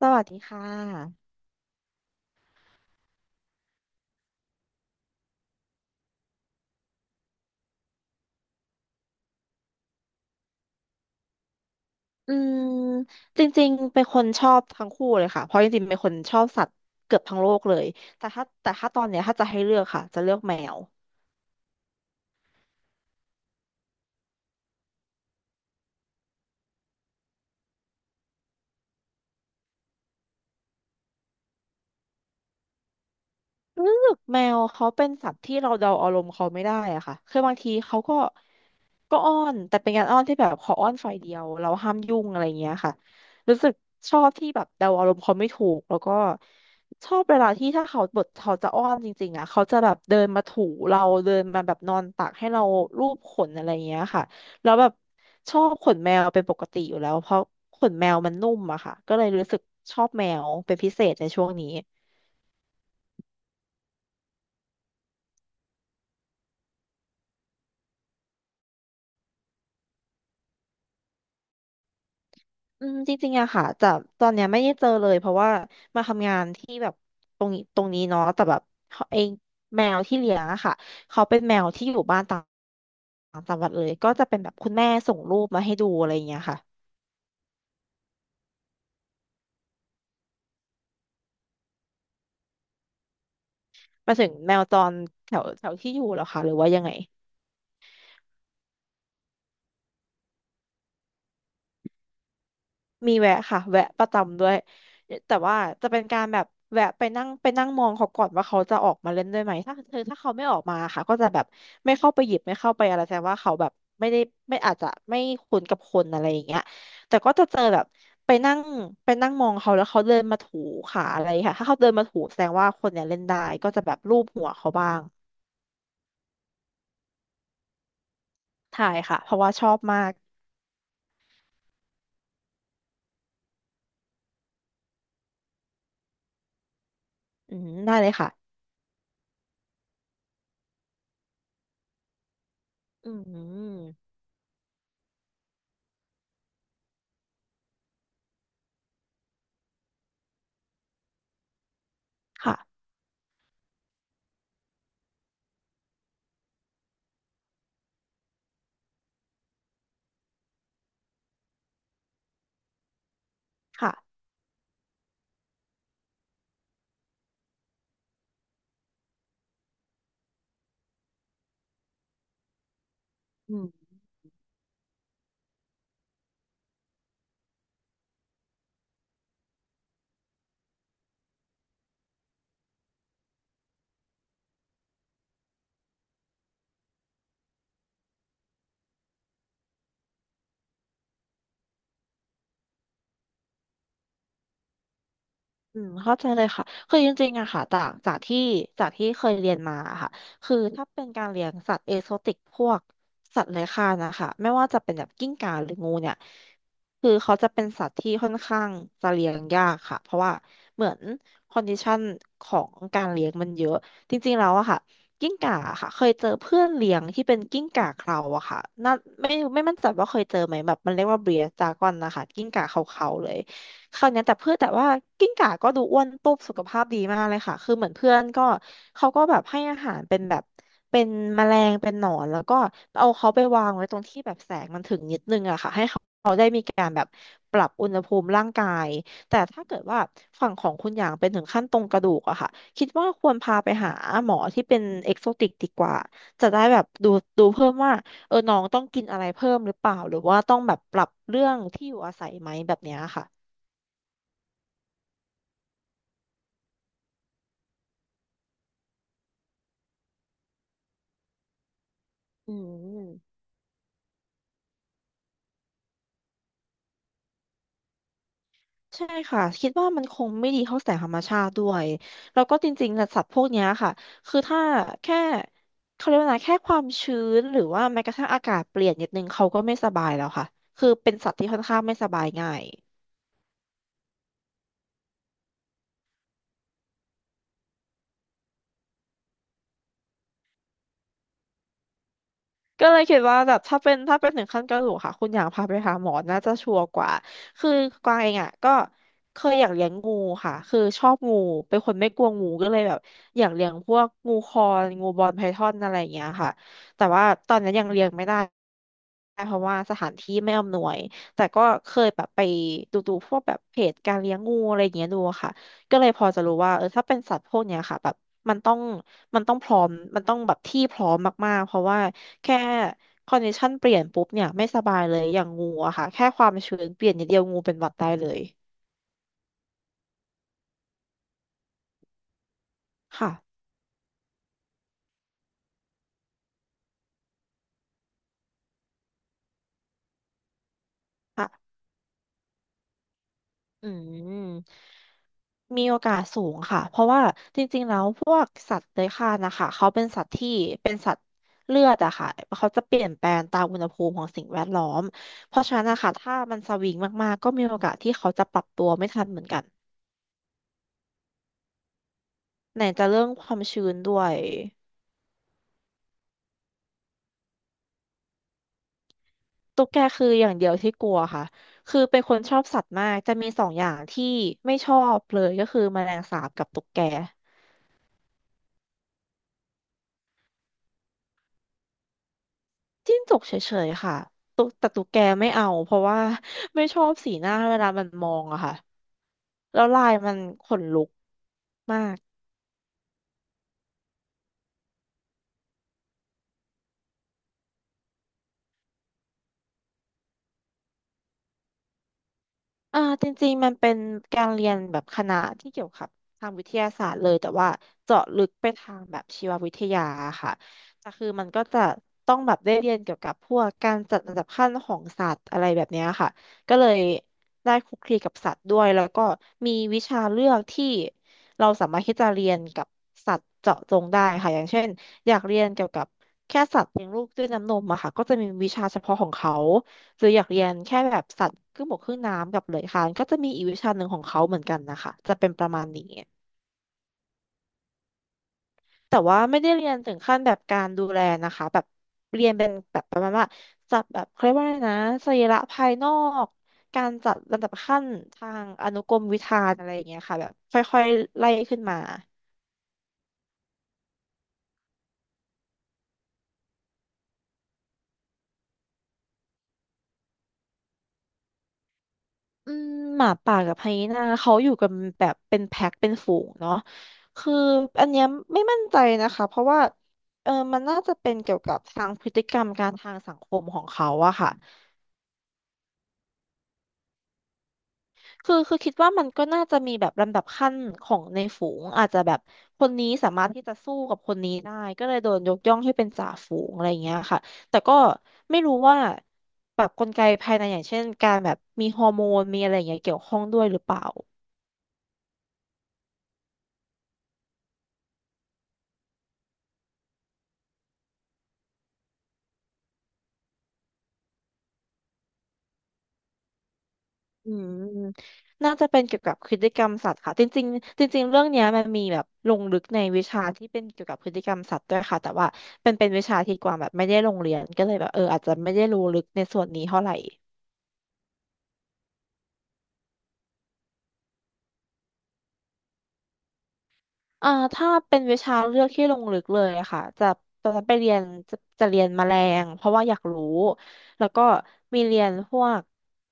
สวัสดีค่ะ อืมจริงๆเป็นคนชอบทั้งคู่เลยค่ะ เพราะจริงๆเป็นคนชอบสัตว์เกือบทั้งโลกเลยแต่ถ้าตอนเนี้ยถ้าจะให้เลือกค่ะจะเลือกแมวรู้สึกแมวเขาเป็นสัตว์ที่เราเดาอารมณ์เขาไม่ได้อะค่ะคือบางทีเขาก็ อ้อนแต่เป็นการอ้อนที่แบบขออ้อนฝ่ายเดียวเราห้ามยุ่งอะไรเงี้ยค่ะรู้สึกชอบที่แบบเดาอารมณ์เขาไม่ถูกแล้วก็ชอบเวลาที่ถ้าเขาบทเขาจะอ้อนจริงๆอ่ะเขาจะแบบเดินมาถูเราเดินมาแบบนอนตักให้เราลูบขนอะไรยเงี้ยค่ะแล้วแบบชอบขนแมวเป็นปกติอยู่แล้วเพราะขนแมวมันนุ่มอะค่ะก็เลยรู้สึกชอบแมวเป็นพิเศษในช่วงนี้ จริงๆอะค่ะจะตอนเนี้ยไม่ได้เจอเลยเพราะว่ามาทำงานที่แบบตรงนี้เนาะแต่แบบเขาไอแมวที่เลี้ยงอะค่ะเขาเป็นแมวที่อยู่บ้านต่างต่างจังหวัดเลย ก็จะเป็นแบบคุณแม่ส่งรูปมาให้ดูอะไรอย่างเงี้ยค่ะหมายถึงแมวจรแถวแถวที่อยู่เหรอคะหรือว่ายังไง มีแวะค่ะแวะประจำด้วยแต่ว่าจะเป็นการแบบแวะไปนั่งไปนั่งมองเขาก่อนว่าเขาจะออกมาเล่นด้วยไหมถ้าเขาไม่ออกมาค่ะก็จะแบบไม่เข้าไปหยิบไม่เข้าไปอะไรแสดงว่าเขาแบบไม่ได้ไม่อาจจะไม่คุ้นกับคนอะไรอย่างเงี้ยแต่ก็จะเจอแบบไปนั่งไปนั่งมองเขาแล้วเขาเดินมาถูขาอะไรค่ะถ้าเขาเดินมาถูแสดงว่าคนเนี่ยเล่นได้ก็จะแบบลูบหัวเขาบ้างใช่ค่ะเพราะว่าชอบมากอืมได้เลยค่ะอืมค่ะค่ะอืม อืมเข้าใจเลยค่ะคือจริงๆอะค่ะจากที่จากที่เคยเรียนมาอะค่ะคือถ้าเป็นการเลี้ยงสัตว์เอโซติกพวกสัตว์เลื้อยคลานนะคะไม่ว่าจะเป็นแบบกิ้งก่าหรืองูเนี่ยคือเขาจะเป็นสัตว์ที่ค่อนข้างจะเลี้ยงยากค่ะเพราะว่าเหมือนคอนดิชันของการเลี้ยงมันเยอะจริงๆแล้วอะค่ะกิ้งก่าอะค่ะเคยเจอเพื่อนเลี้ยงที่เป็นกิ้งก่าเคราอะค่ะน่าไม่ไม่มั่นใจว่าเคยเจอไหมแบบมันเรียกว่าเบรียดดากอนนะคะกิ้งก่าเคราๆเลย คราวเนี้ยแต่เพื่อนแต่ว่ากิ้งก่าก็ดูอ้วนตุ๊บสุขภาพดีมากเลยค่ะคือเหมือนเพื่อนก็เขาก็แบบให้อาหารเป็นแบบเป็นแมลงเป็นหนอนแล้วก็เอาเขาไปวางไว้ตรงที่แบบแสงมันถึงนิดนึงอะค่ะให้เขาได้มีการแบบปรับอุณหภูมิร่างกายแต่ถ้าเกิดว่าฝั่งของคุณอย่างเป็นถึงขั้นตรงกระดูกอะค่ะคิดว่าควรพาไปหาหมอที่เป็นเอกโซติกดีกว่าจะได้แบบดูเพิ่มว่าเออน้องต้องกินอะไรเพิ่มหรือเปล่าหรือว่าต้องแบบปรับเรื่องที่อยู่อาศัยไหมแบบเนี้ยค่ะ อืมใช่ค่ะคิดว่ามันคงไม่ดีเท่าแสงธรรมชาติด้วยแล้วก็จริงๆนะสัตว์พวกเนี้ยค่ะคือถ้าแค่เขาเรียกว่าไงแค่ความชื้นหรือว่าแม้กระทั่งอากาศเปลี่ยนนิดนึงเขาก็ไม่สบายแล้วค่ะคือเป็นสัตว์ที่ค่อนข้างไม่สบายง่าย ก็เลยคิดว่าแบบถ้าเป็นถึงขั้นกระดูกค่ะคุณอยากพาไปหาหมอน่าจะชัวร์กว่าคือกวางเองอ่ะก็เคยอยากเลี้ยงงูค่ะคือชอบงูเป็นคนไม่กลัวงูก็เลยแบบอยากเลี้ยงพวกงูคอนงูบอลไพทอนอะไรอย่างเงี้ยค่ะแต่ว่าตอนนี้นยังเลี้ยงไม่ได้เพราะว่าสถานที่ไม่อำนวยแต่ก็เคยแบบไปดูพวกแบบเพจการเลี้ยงงูอะไรอย่างเงี้ยดูอะค่ะก็เลยพอจะรู้ว่าเออถ้าเป็นสัตว์พวกเนี้ยค่ะแบบมันต้องมันต้องพร้อมมันต้องแบบที่พร้อมมากๆเพราะว่า แค่คอนดิชันเปลี่ยนปุ๊บเนี่ยไม่สบายเลยอย่างงูอะค่ะแค่ความชื้นเปลี่ยนนิดเดียวงูเป็นหวัดได้เลยค่ะอ่ะอืมมีโอกาสสูงค่ะเพราะว่าจริงๆแล้วพวกสัตว์เลื้อยคลานนะคะเขาเป็นสัตว์ที่เป็นสัตว์เลือดอะค่ะเขาจะเปลี่ยนแปลงตามอุณหภูมิของสิ่งแวดล้อมเพราะฉะนั้นนะคะถ้ามันสวิงมากๆก็มีโอกาสที่เขาจะปรับตัวไม่ทันเหมือนกันไหนจะเรื่องความชื้นด้วย ตุ๊กแกคืออย่างเดียวที่กลัวค่ะ คือเป็นคนชอบสัตว์มากจะมีสองอย่างที่ไม่ชอบเลยก็คือแมลงสาบกับตุ๊กแก จิ้งจกเฉยๆค่ะตุ๊กแกไม่เอาเพราะว่าไม่ชอบสีหน้าเวลามันมองอะค่ะ แล้วลายมันขนลุกมาก จริงๆมันเป็นการเรียนแบบคณะที่เกี่ยวกับทางวิทยาศาสตร์เลยแต่ว่าเจาะลึกไปทางแบบชีววิทยาค่ะแต่คือมันก็จะต้องแบบได้เรียนเกี่ยวกับพวกการจัดอันดับขั้นของสัตว์อะไรแบบเนี้ยค่ะก็เลยได้คลุกคลีกับสัตว์ด้วยแล้วก็มีวิชาเลือกที่เราสามารถที่จะเรียนกับสัตว์เจาะจงได้ค่ะอย่างเช่นอยากเรียนเกี่ยวกับแค่สัตว์เลี้ยงลูกด้วยน้ำนมอะค่ะก็จะมีวิชาเฉพาะของเขา หรืออยากเรียนแค่แบบสัตว์ครึ่งบกครึ่งน้ำกับเลื้อยคลานก็จะมีอีกวิชาหนึ่งของเขาเหมือนกันนะคะจะเป็นประมาณนี้แต่ว่าไม่ได้เรียนถึงขั้นแบบการดูแลนะคะแบบเรียนเป็นแบบประมาณว่าจัดแบบเขาเรียกว่าอะไรนะสรีระภายนอกการจัดลำดับขั้นทางอนุกรมวิธานอะไรอย่างเงี้ยค่ะแบบค่อยๆไล่ขึ้นมา อืมหมาป่ากับไฮยีน่าเขาอยู่กันแบบเป็นแพ็คเป็นฝูงเนาะคืออันเนี้ยไม่มั่นใจนะคะเพราะว่ามันน่าจะเป็นเกี่ยวกับทางพฤติกรรมการทางสังคมของเขาอะค่ะคือคิดว่ามันก็น่าจะมีแบบลำดับขั้นของในฝูงอาจจะแบบคนนี้สามารถที่จะสู้กับคนนี้ได้ก็เลยโดนยกย่องให้เป็นจ่าฝูงอะไรอย่างเงี้ยค่ะแต่ก็ไม่รู้ว่าแบบกลไกภายในอย่างเช่นการแบบมีฮอร์โมนมีอะไรอย่างเงี้ยเกี่ยวข้องด้วยหรือเปล่า อืมน่าจะเป็นเกี่ยวกับพฤติกรรมสัตว์ค่ะจริงๆจริงๆเรื่องเนี้ยมันมีแบบลงลึกในวิชาที่เป็นเกี่ยวกับพฤติกรรมสัตว์ด้วยค่ะแต่ว่าเป็นวิชาที่กวางแบบไม่ได้ลงเรียนก็เลยแบบอาจจะไม่ได้รู้ลึกในส่วนนี้เท่าไหร่อ่าถ้าเป็นวิชาเลือกที่ลงลึกเลยอะค่ะจะตอนนั้นไปเรียนจะเรียนแมลงเพราะว่าอยากรู้แล้วก็มีเรียนพวก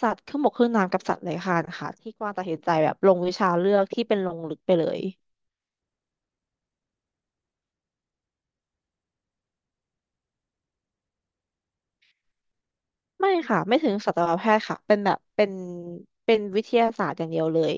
สัตว์ครึ่งบกครึ่งน้ำกับสัตว์เลื้อยคลานค่ะที่กวางตัดสินใจแบบลงวิชาเลือกที่เป็นลงลึกไปเลย ไม่ค่ะไม่ถึงสัตวแพทย์ค่ะเป็นแบบเป็นเป็นวิทยาศาสตร์อย่างเดียวเลย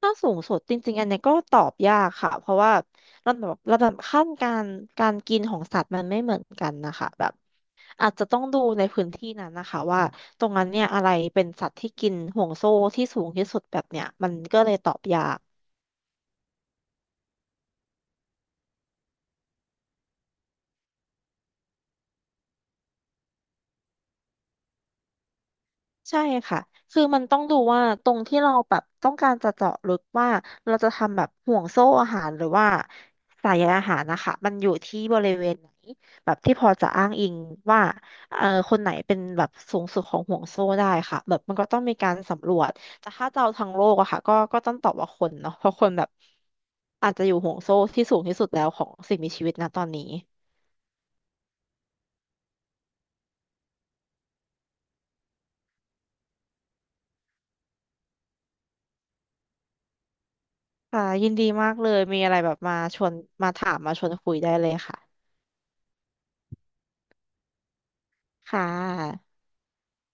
ถ้าสูงสุดจริงๆอันเนี้ยก็ตอบยากค่ะเพราะว่าระดับขั้นการการกินของสัตว์มันไม่เหมือนกันนะคะแบบอาจจะต้องดูในพื้นที่นั้นนะคะว่าตรงนั้นเนี่ยอะไรเป็นสัตว์ที่กินห่วงโซ่ที่สูงที่สุดแบบเนี้ยมันก็เลยตอบยาก ใช่ค่ะคือมันต้องดูว่าตรงที่เราแบบต้องการจะเจาะลึกว่าเราจะทำแบบห่วงโซ่อาหารหรือว่าสายใยอาหารนะคะมันอยู่ที่บริเวณไหนแบบที่พอจะอ้างอิงว่าคนไหนเป็นแบบสูงสุดของห่วงโซ่ได้ค่ะแบบมันก็ต้องมีการสำรวจแต่ถ้าจะเอาทางโลกอะค่ะก็ต้องตอบว่าคนเนาะเพราะคนแบบอาจจะอยู่ห่วงโซ่ที่สูงที่สุดแล้วของสิ่งมีชีวิตนะตอนนี้ค่ะยินดีมากเลยมีอะไรแบบมาชวนมาถามมาชวนคุยได้เลยค่ะค่ะ